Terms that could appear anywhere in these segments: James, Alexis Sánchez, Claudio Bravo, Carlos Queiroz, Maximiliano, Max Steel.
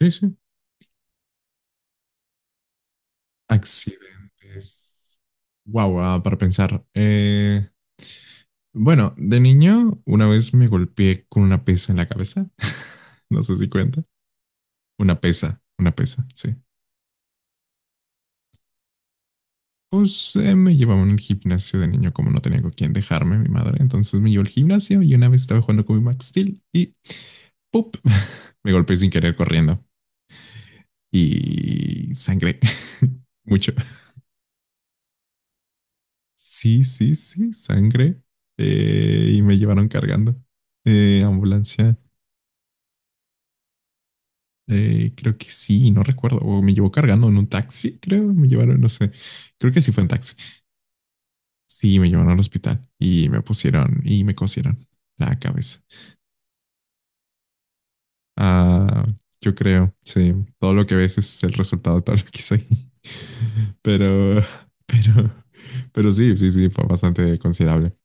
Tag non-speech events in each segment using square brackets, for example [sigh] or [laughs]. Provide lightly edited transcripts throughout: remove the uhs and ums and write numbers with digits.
Sí, sí. Accidentes. Wow, para pensar. Bueno, de niño una vez me golpeé con una pesa en la cabeza. [laughs] No sé si cuenta. Una pesa, sí. Pues me llevaban al gimnasio de niño, como no tenía con quién dejarme, mi madre. Entonces me llevó al gimnasio y una vez estaba jugando con mi Max Steel y ¡pup! [laughs] Me golpeé sin querer corriendo y sangre. [laughs] Mucho. Sí, sí, sí, sangre. Y me llevaron cargando. Ambulancia. Creo que sí, no recuerdo. O me llevó cargando en un taxi, creo. Me llevaron, no sé. Creo que sí fue en taxi. Sí, me llevaron al hospital y me pusieron y me cosieron la cabeza. Ah, yo creo, sí. Todo lo que ves es el resultado de todo lo que soy. [laughs] Pero, pero, pero sí, sí, sí, fue bastante considerable.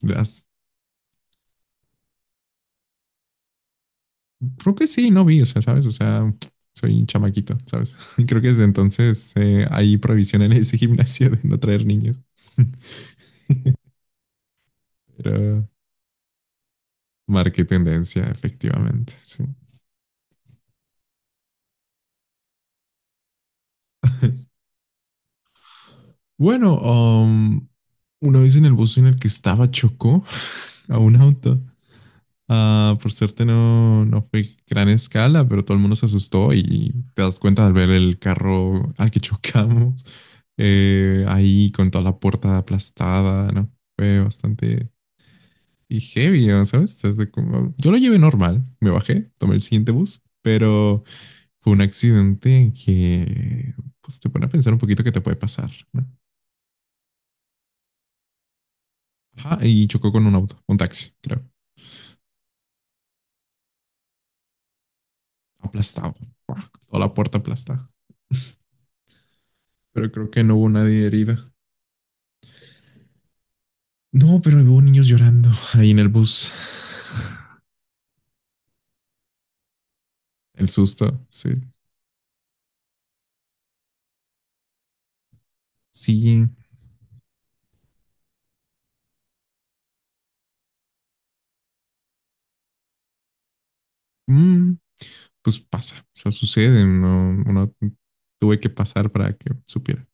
Las- Creo que sí, no vi, o sea, ¿sabes? O sea, soy un chamaquito, ¿sabes? [laughs] Creo que desde entonces hay prohibición en ese [laughs] gimnasio de no traer niños. [laughs] Pero marqué tendencia, efectivamente, sí. [laughs] Bueno, una vez en el bus en el que estaba chocó [laughs] a un auto. Ah, por suerte no fue gran escala, pero todo el mundo se asustó y te das cuenta al ver el carro al que [laughs] chocamos, ahí con toda la puerta aplastada, ¿no? Fue bastante y heavy, ¿no? ¿Sabes? Desde como... Yo lo llevé normal, me bajé, tomé el siguiente bus, pero fue un accidente que, pues, te pone a pensar un poquito que te puede pasar, ¿no? Ajá, y chocó con un auto, un taxi, creo, aplastado, toda la puerta aplastada. [laughs] Pero creo que no hubo nadie herida. No, pero hubo niños llorando ahí en el bus. El susto, sí. Sí. Mm, pues pasa, o sea, sucede. No, no tuve que pasar para que supiera.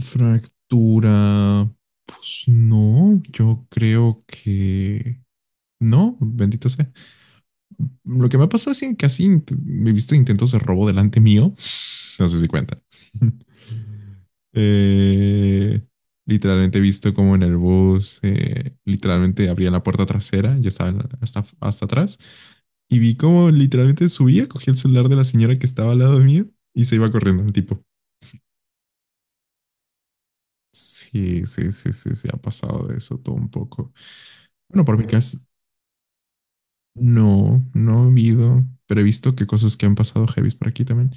Fractura. Pues no, yo creo que no, bendito sea. Lo que me ha pasado es que casi he visto intentos de robo delante mío. No sé si cuenta. Eh, literalmente he visto como en el bus, literalmente abría la puerta trasera, yo estaba en- hasta, hasta atrás, y vi como literalmente subía, cogía el celular de la señora que estaba al lado mío y se iba corriendo el tipo. Sí, sí, sí, sí, se ha pasado de eso todo un poco. Bueno, por mi casa, no, no he habido, pero he visto que cosas que han pasado heavies por aquí también.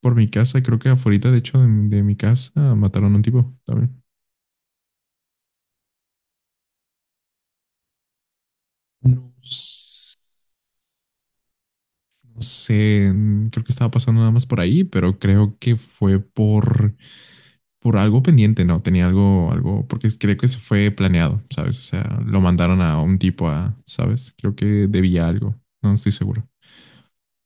Por mi casa, creo que afuera, de hecho, de mi casa, mataron a un tipo también. No. No sé, creo que estaba pasando nada más por ahí, pero creo que fue por algo pendiente, ¿no? Tenía algo, algo, porque creo que se fue planeado, ¿sabes? O sea, lo mandaron a un tipo a, ¿sabes? Creo que debía algo, no estoy seguro.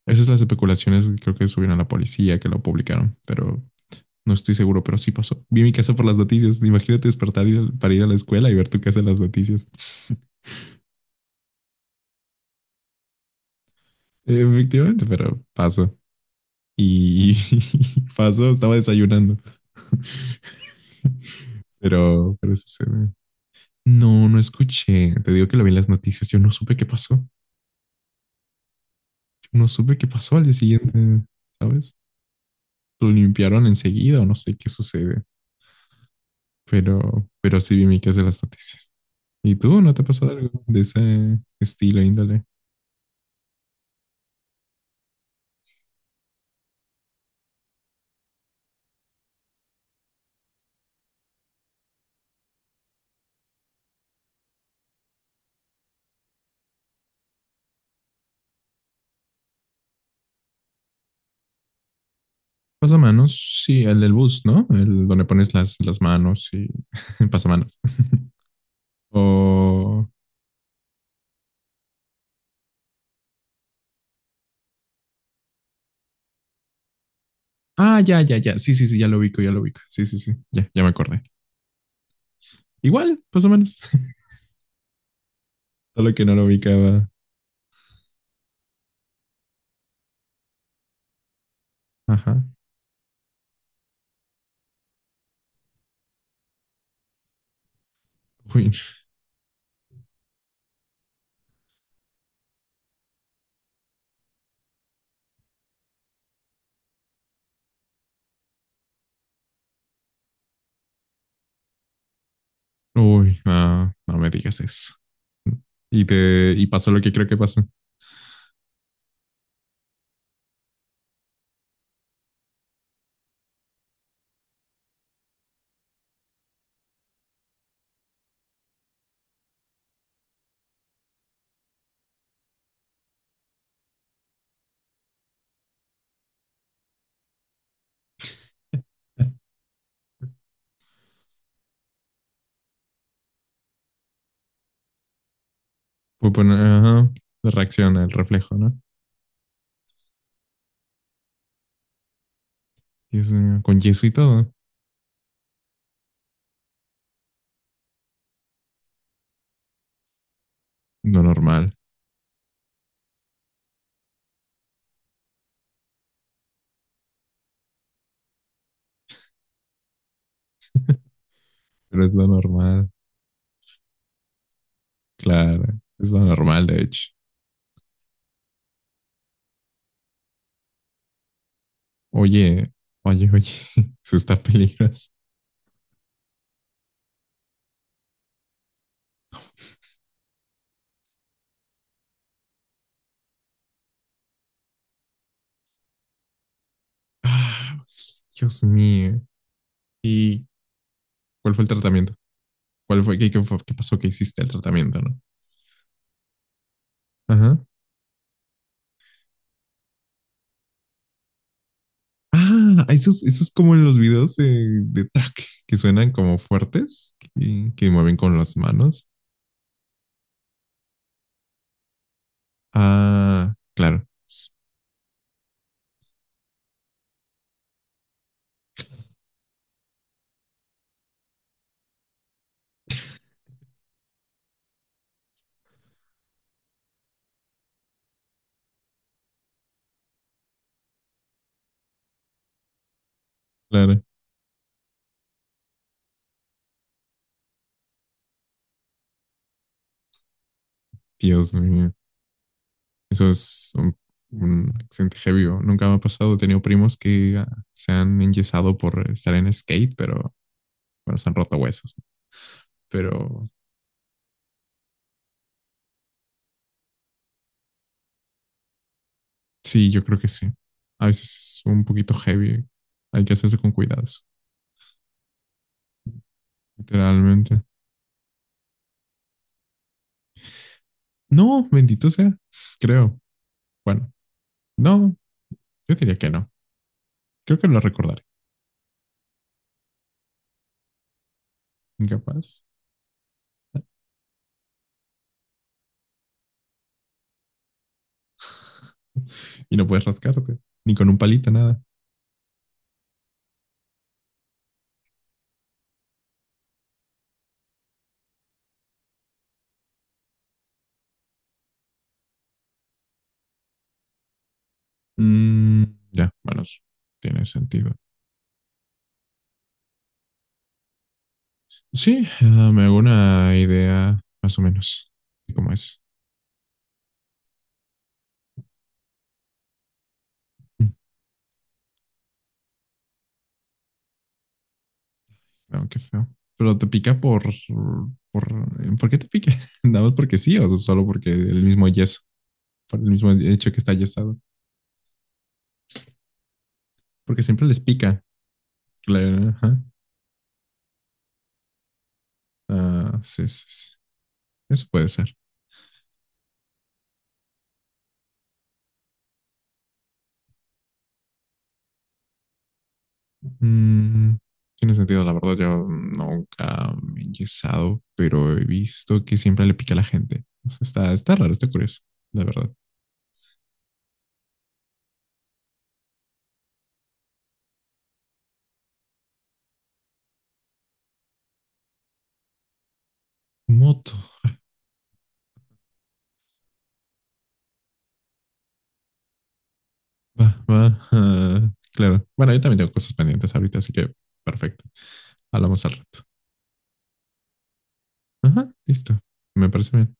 Esas son las especulaciones, creo que subieron a la policía, que lo publicaron, pero no estoy seguro, pero sí pasó. Vi mi casa por las noticias, imagínate despertar y- para ir a la escuela y ver tu casa en las noticias. [laughs] Efectivamente, pero pasó. Y [laughs] pasó, estaba desayunando. [laughs] Pero eso se ve. No, no escuché. Te digo que lo vi en las noticias. Yo no supe qué pasó. Yo no supe qué pasó al día siguiente, ¿sabes? Lo limpiaron enseguida o no sé qué sucede. Pero sí vi mi caso en las noticias. ¿Y tú no te ha pasado algo de ese estilo, índole? Pasamanos, sí, el del bus, ¿no? El donde pones las manos y [laughs] pasamanos. [laughs] O. Ah, ya, ya, ya. Sí, sí, sí, ya lo ubico, ya lo ubico. Sí, sí, sí. Ya, ya me acordé. Igual, pasamanos. [laughs] Solo que no lo ubicaba. Ajá. Uy, uy, no, no me digas eso. Y te, y pasó lo que creo que pasó. Fue poner, ajá, la reacción al reflejo, ¿no? Dios mío, con yeso y todo. Lo normal, pero es lo normal, claro, es lo normal, de hecho. Oye, oye, oye, [laughs] eso está peligroso. [sighs] Ah, Dios mío. ¿Y cuál fue el tratamiento? ¿Cuál fue, qué, qué fue- qué pasó que hiciste el tratamiento, no? Ajá. Ah, esos, esos como en los videos de track que suenan como fuertes, que mueven con las manos. Ah, claro, claro. Dios mío, eso es un accidente heavy. ¿O? Nunca me ha pasado. He tenido primos que ah, se han enyesado por estar en skate, pero bueno, se han roto huesos. Pero sí, yo creo que sí. A veces es un poquito heavy. Hay que hacerse con cuidados, literalmente. No, bendito sea, creo. Bueno, no, yo diría que no. Creo que lo recordaré. Incapaz. Y no puedes rascarte. Ni con un palito, nada. Mm, ya, bueno, tiene sentido. Sí, me hago una idea más o menos de cómo es. Mm, no, qué feo. Pero te pica por... ¿Por qué te pica? [laughs] ¿Nada más porque sí o solo porque el mismo yeso? Por el mismo hecho que está yesado. Porque siempre les pica. Claro, ajá. Ah, sí, sí, sí. Eso puede ser. Mm, tiene sentido, la verdad, yo nunca me he enyesado, pero he visto que siempre le pica a la gente. O sea, está, está raro, está curioso, la verdad. Moto. Va, va. [laughs] Ah, claro. Bueno, yo también tengo cosas pendientes ahorita, así que perfecto. Hablamos al rato. Ajá, listo. Me parece bien.